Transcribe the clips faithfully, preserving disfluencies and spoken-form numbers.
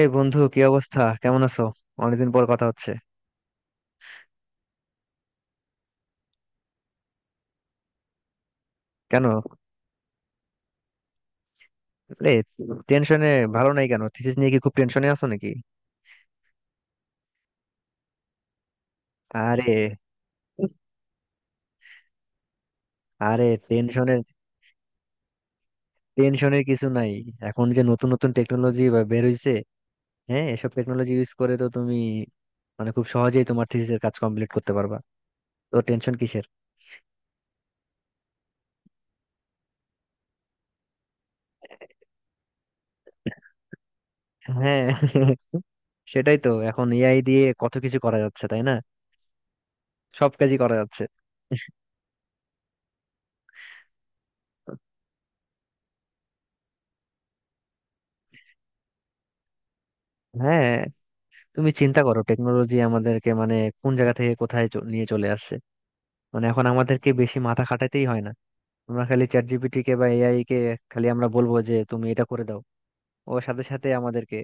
এই বন্ধু কি অবস্থা, কেমন আছো? অনেকদিন পর কথা হচ্ছে। কেন রে, টেনশনে? ভালো নাই কেন, থিসিস নিয়ে কি খুব টেনশনে আছো নাকি? আরে, আরে টেনশনের টেনশনের কিছু নাই। এখন যে নতুন নতুন টেকনোলজি বের হইছে, হ্যাঁ এসব টেকনোলজি ইউজ করে তো তুমি মানে খুব সহজেই তোমার থিসিসের কাজ কমপ্লিট করতে পারবা। তো টেনশন কিসের? হ্যাঁ, সেটাই তো, এখন এআই দিয়ে কত কিছু করা যাচ্ছে তাই না? সব কাজই করা যাচ্ছে। হ্যাঁ, তুমি চিন্তা করো, টেকনোলজি আমাদেরকে মানে কোন জায়গা থেকে কোথায় চ- নিয়ে চলে আসছে। মানে এখন আমাদেরকে বেশি মাথা খাটাতেই হয় না। আমরা খালি চ্যাট জিপিটি কে বা এআই কে, খালি আমরা বলবো যে তুমি এটা করে দাও, ও সাথে সাথে আমাদেরকে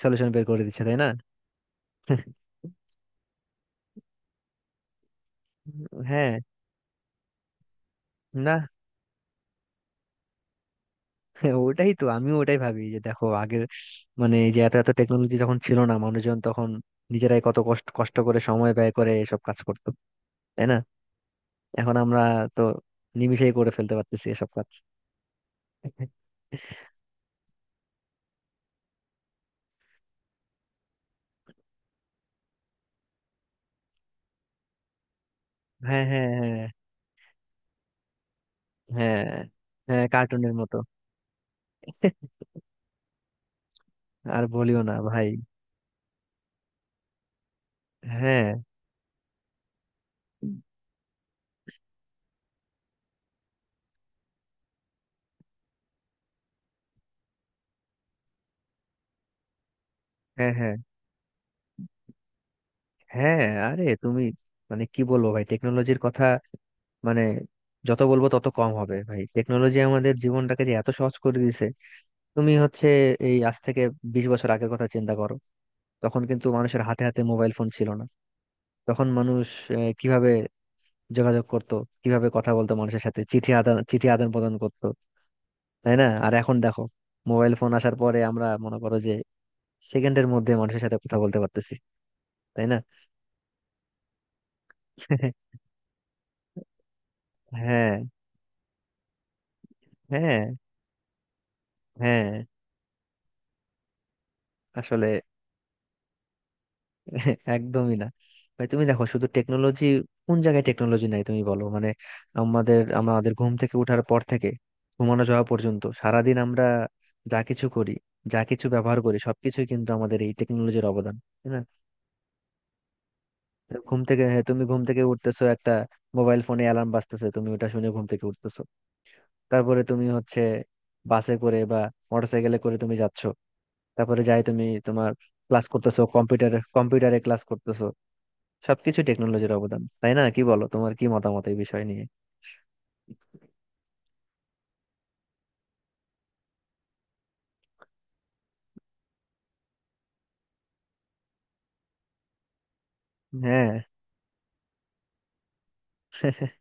সলিউশন বের করে দিচ্ছে, তাই না? হ্যাঁ। না, ওটাই তো, আমিও ওটাই ভাবি যে দেখো আগের মানে এই যে এত এত টেকনোলজি যখন ছিল না, মানুষজন তখন নিজেরাই কত কষ্ট কষ্ট করে সময় ব্যয় করে এসব কাজ করতো, তাই না? এখন আমরা তো নিমিষেই করে ফেলতে পারতেছি এসব কাজ। হ্যাঁ, হ্যাঁ, হ্যাঁ। হ্যাঁ, হ্যাঁ, কার্টুনের মতো। আর বলিও না ভাই। হ্যাঁ, হ্যাঁ, হ্যাঁ, হ্যাঁ। আরে তুমি মানে কি বলবো ভাই, টেকনোলজির কথা মানে যত বলবো তত কম হবে, ভাই টেকনোলজি আমাদের জীবনটাকে যে এত সহজ করে দিয়েছে। তুমি হচ্ছে এই আজ থেকে বিশ বছর আগের কথা চিন্তা করো, তখন কিন্তু মানুষের হাতে হাতে মোবাইল ফোন ছিল না। তখন মানুষ আহ, কিভাবে যোগাযোগ করতো, কিভাবে কথা বলতো মানুষের সাথে, চিঠি আদান চিঠি আদান প্রদান করতো, তাই না? আর এখন দেখো মোবাইল ফোন আসার পরে আমরা মনে করো যে সেকেন্ডের মধ্যে মানুষের সাথে কথা বলতে পারতেছি, তাই না? হ্যাঁ, হ্যাঁ, হ্যাঁ। আসলে একদমই না। ভাই তুমি দেখো শুধু টেকনোলজি, কোন জায়গায় টেকনোলজি নাই তুমি বলো মানে আমাদের আমাদের ঘুম থেকে ওঠার পর থেকে ঘুমানো যাওয়া পর্যন্ত সারাদিন আমরা যা কিছু করি, যা কিছু ব্যবহার করি, সবকিছুই কিন্তু আমাদের এই টেকনোলজির অবদান, তাই না? তো ঘুম থেকে হ্যাঁ, তুমি ঘুম থেকে উঠতেছো, একটা মোবাইল ফোনে অ্যালার্ম বাজতেছে, তুমি ওটা শুনে ঘুম থেকে উঠতেছো। তারপরে তুমি হচ্ছে বাসে করে বা মোটরসাইকেলে করে তুমি যাচ্ছ, তারপরে যাই তুমি তোমার ক্লাস করতেছো, কম্পিউটারে কম্পিউটারে ক্লাস করতেছো। সবকিছু টেকনোলজির অবদান, তাই না? কি বলো, তোমার কি মতামত এই বিষয় নিয়ে? হ্যাঁ।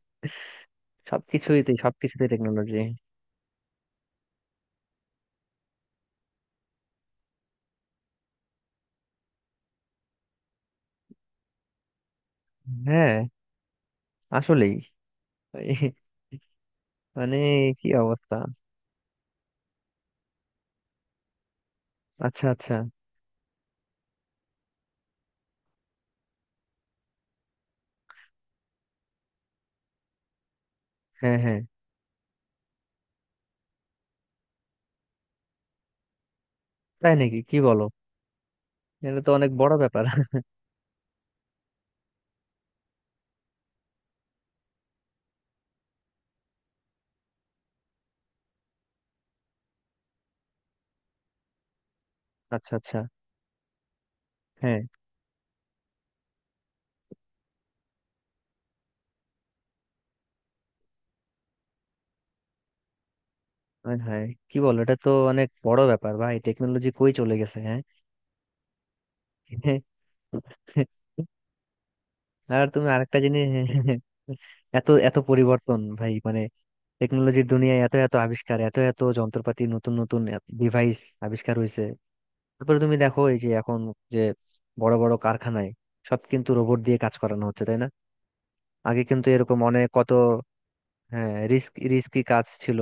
সবকিছুইতে সবকিছুতে টেকনোলজি। হ্যাঁ, আসলেই। এই মানে কি অবস্থা। আচ্ছা আচ্ছা। হ্যাঁ হ্যাঁ। তাই নাকি, কি বলো, এটা তো অনেক বড় ব্যাপার। আচ্ছা আচ্ছা। হ্যাঁ হ্যাঁ, হ্যাঁ, কি বলো, এটা তো অনেক বড় ব্যাপার ভাই, টেকনোলজি কই চলে গেছে, হ্যাঁ। আর তুমি আরেকটা জিনিস এত এত পরিবর্তন, ভাই মানে টেকনোলজির দুনিয়ায় এত এত আবিষ্কার, এত এত যন্ত্রপাতি, নতুন নতুন ডিভাইস আবিষ্কার হয়েছে। তারপরে তুমি দেখো এই যে এখন যে বড় বড় কারখানায় সব কিন্তু রোবট দিয়ে কাজ করানো হচ্ছে, তাই না? আগে কিন্তু এরকম অনেক কত হ্যাঁ রিস্ক রিস্কি কাজ ছিল,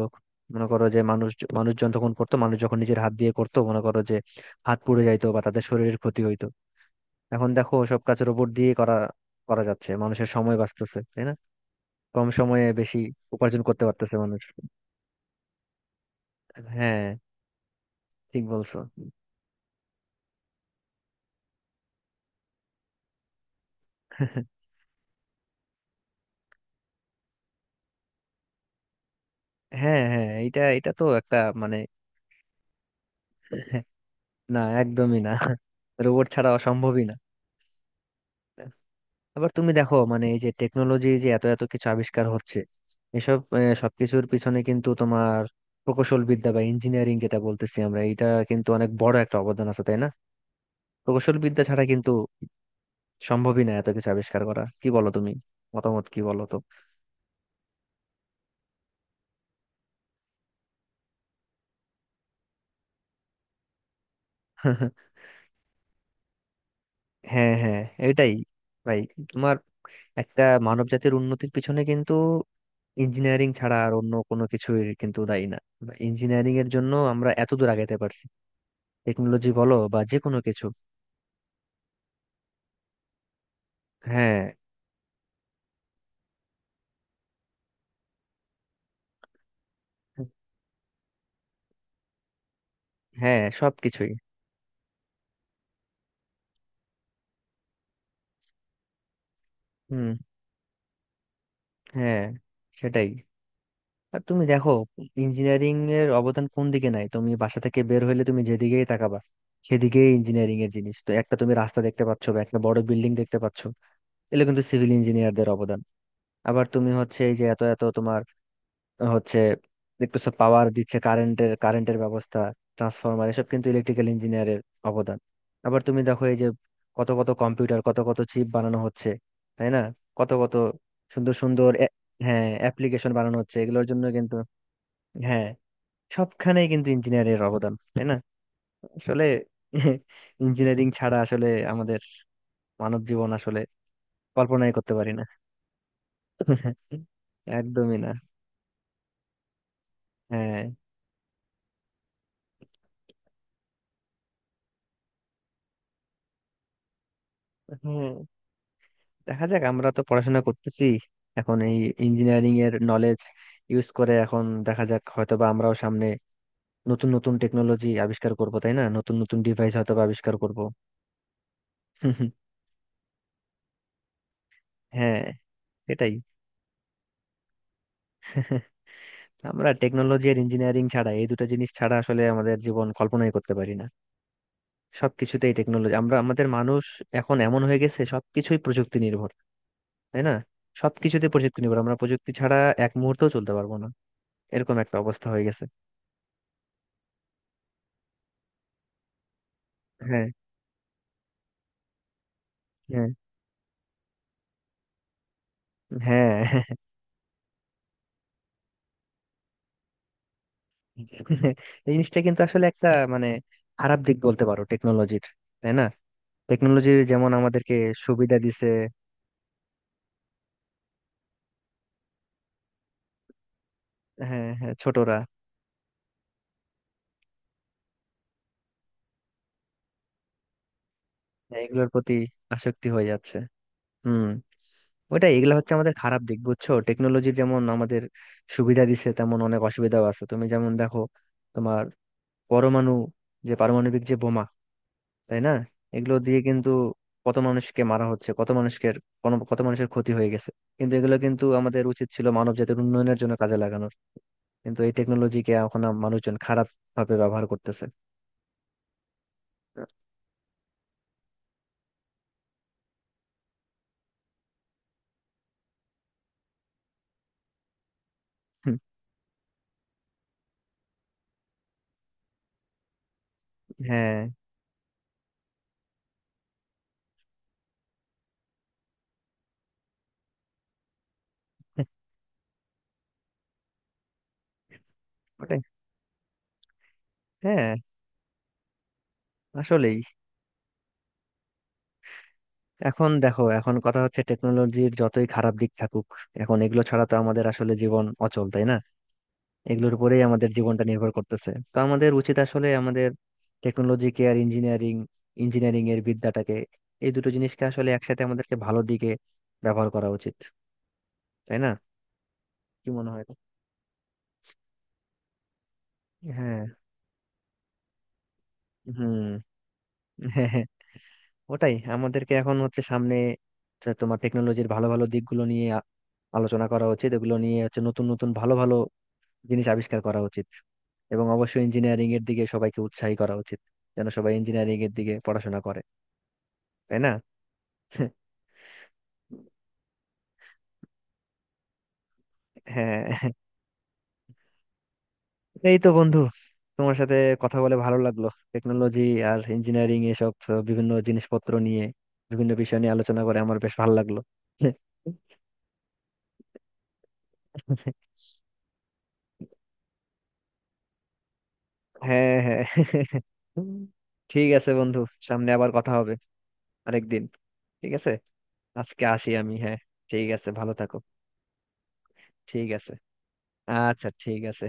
মনে করো যে মানুষ, মানুষজন তখন করতো, মানুষ যখন নিজের হাত দিয়ে করতো মনে করো যে হাত পুড়ে যাইতো বা তাদের শরীরের ক্ষতি হইতো। এখন দেখো সব কাজ রোবট দিয়ে করা করা যাচ্ছে, মানুষের সময় বাঁচতেছে, তাই না? কম সময়ে বেশি উপার্জন করতে পারতেছে মানুষ। হ্যাঁ, ঠিক বলছো। হ্যাঁ হ্যাঁ, এটা এটা তো একটা মানে, না একদমই না, রোবট ছাড়া অসম্ভবই না। আবার তুমি দেখো মানে এই যে টেকনোলজি যে এত এত কিছু আবিষ্কার হচ্ছে, এসব আহ, সবকিছুর পিছনে কিন্তু তোমার প্রকৌশল বিদ্যা বা ইঞ্জিনিয়ারিং, যেটা বলতেছি আমরা, এটা কিন্তু অনেক বড় একটা অবদান আছে, তাই না? প্রকৌশল বিদ্যা ছাড়া কিন্তু সম্ভবই না এত কিছু আবিষ্কার করা, কি বলো তুমি, মতামত কি বলো? তো হ্যাঁ, হ্যাঁ, এটাই ভাই তোমার একটা মানব জাতির উন্নতির পিছনে কিন্তু ইঞ্জিনিয়ারিং ছাড়া আর অন্য কোনো কিছুই কিন্তু দায়ী না। ইঞ্জিনিয়ারিং এর জন্য আমরা এত দূর আগাতে পারছি, টেকনোলজি বলো বা যে কোনো কিছু। হ্যাঁ, হ্যাঁ, সবকিছুই। হুম, হ্যাঁ, সেটাই। আর তুমি দেখো ইঞ্জিনিয়ারিং এর অবদান কোন দিকে নাই তুমি বাসা থেকে বের হইলে, তুমি যেদিকেই তাকাবা সেদিকেই ইঞ্জিনিয়ারিং এর জিনিস। তো একটা তুমি রাস্তা দেখতে পাচ্ছ বা একটা বড় বিল্ডিং দেখতে পাচ্ছ, এগুলো কিন্তু সিভিল ইঞ্জিনিয়ারদের অবদান। আবার তুমি হচ্ছে এই যে এত এত তোমার হচ্ছে দেখতেছো পাওয়ার দিচ্ছে, কারেন্টের কারেন্টের ব্যবস্থা, ট্রান্সফরমার, এসব কিন্তু ইলেকট্রিক্যাল ইঞ্জিনিয়ারের অবদান। আবার তুমি দেখো এই যে কত কত কম্পিউটার, কত কত চিপ বানানো হচ্ছে, তাই না? কত কত সুন্দর সুন্দর এ- হ্যাঁ অ্যাপ্লিকেশন বানানো হচ্ছে এগুলোর জন্য কিন্তু। হ্যাঁ, সবখানেই কিন্তু ইঞ্জিনিয়ারের অবদান, তাই না? আসলে ইঞ্জিনিয়ারিং ছাড়া আসলে আমাদের মানব জীবন আসলে কল্পনাই করতে পারি না। একদমই না। হ্যাঁ হ্যাঁ, দেখা যাক, আমরা তো পড়াশোনা করতেছি এখন এই ইঞ্জিনিয়ারিং এর নলেজ ইউজ করে, এখন দেখা যাক হয়তো বা আমরাও সামনে নতুন নতুন টেকনোলজি আবিষ্কার করব, তাই না? নতুন নতুন ডিভাইস হয়তো বা আবিষ্কার করব। হ্যাঁ, সেটাই, আমরা টেকনোলজি আর ইঞ্জিনিয়ারিং ছাড়া এই দুটো জিনিস ছাড়া আসলে আমাদের জীবন কল্পনাই করতে পারি না। সবকিছুতেই টেকনোলজি, আমরা আমাদের মানুষ এখন এমন হয়ে গেছে সবকিছুই প্রযুক্তি নির্ভর, তাই না? সবকিছুতে প্রযুক্তি নির্ভর, আমরা প্রযুক্তি ছাড়া এক মুহূর্তও চলতে পারবো না, এরকম একটা অবস্থা হয়ে গেছে। হ্যাঁ, হ্যাঁ, হ্যাঁ। এই জিনিসটা কিন্তু আসলে একটা মানে খারাপ দিক বলতে পারো টেকনোলজির, তাই না? টেকনোলজি যেমন আমাদেরকে সুবিধা দিছে। হ্যাঁ হ্যাঁ, ছোটরা এগুলোর প্রতি আসক্তি হয়ে যাচ্ছে। হুম, ওটাই, এগুলা হচ্ছে আমাদের খারাপ দিক, বুঝছো, টেকনোলজি যেমন আমাদের সুবিধা দিছে তেমন অনেক অসুবিধাও আছে। তুমি যেমন দেখো তোমার পরমাণু, যে পারমাণবিক যে বোমা, তাই না, এগুলো দিয়ে কিন্তু কত মানুষকে মারা হচ্ছে, কত মানুষকে, কোন- কত মানুষের ক্ষতি হয়ে গেছে। কিন্তু এগুলো কিন্তু আমাদের উচিত ছিল মানব জাতির উন্নয়নের জন্য কাজে লাগানোর, কিন্তু এই টেকনোলজিকে এখন আম- মানুষজন খারাপ ভাবে ব্যবহার করতেছে। হুম, হ্যাঁ, ওটাই। হ্যাঁ, আসলেই। এখন দেখো এখন কথা হচ্ছে টেকনোলজির যতই খারাপ দিক থাকুক এখন এগুলো ছাড়া তো আমাদের আসলে জীবন অচল, তাই না? এগুলোর উপরেই আমাদের জীবনটা নির্ভর করতেছে, তো আমাদের উচিত আসলে আমাদের টেকনোলজিকে আর ইঞ্জিনিয়ারিং ইঞ্জিনিয়ারিং এর বিদ্যাটাকে, এই দুটো জিনিসকে আসলে একসাথে আমাদেরকে ভালো দিকে ব্যবহার করা উচিত, তাই না? কি মনে হয়? হ্যাঁ, হুম, হ্যাঁ, হ্যাঁ, ওটাই, আমাদেরকে এখন হচ্ছে সামনে তো তোমার টেকনোলজির ভালো ভালো দিকগুলো নিয়ে আ- আলোচনা করা উচিত, এগুলো নিয়ে হচ্ছে নতুন নতুন ভালো ভালো জিনিস আবিষ্কার করা উচিত, এবং অবশ্যই ইঞ্জিনিয়ারিং এর দিকে সবাইকে উৎসাহী করা উচিত যেন সবাই ইঞ্জিনিয়ারিং এর দিকে পড়াশোনা করে, তাই না? হ্যাঁ, এই তো বন্ধু, তোমার সাথে কথা বলে ভালো লাগলো, টেকনোলজি আর ইঞ্জিনিয়ারিং এসব আহ, বিভিন্ন জিনিসপত্র নিয়ে, বিভিন্ন বিষয় নিয়ে আলোচনা করে আমার বেশ ভালো লাগলো। হ্যাঁ হ্যাঁ, ঠিক আছে বন্ধু, সামনে আবার কথা হবে আরেকদিন, ঠিক আছে? আজকে আসি আমি, হ্যাঁ, ঠিক আছে, ভালো থাকো। ঠিক আছে, আচ্ছা ঠিক আছে।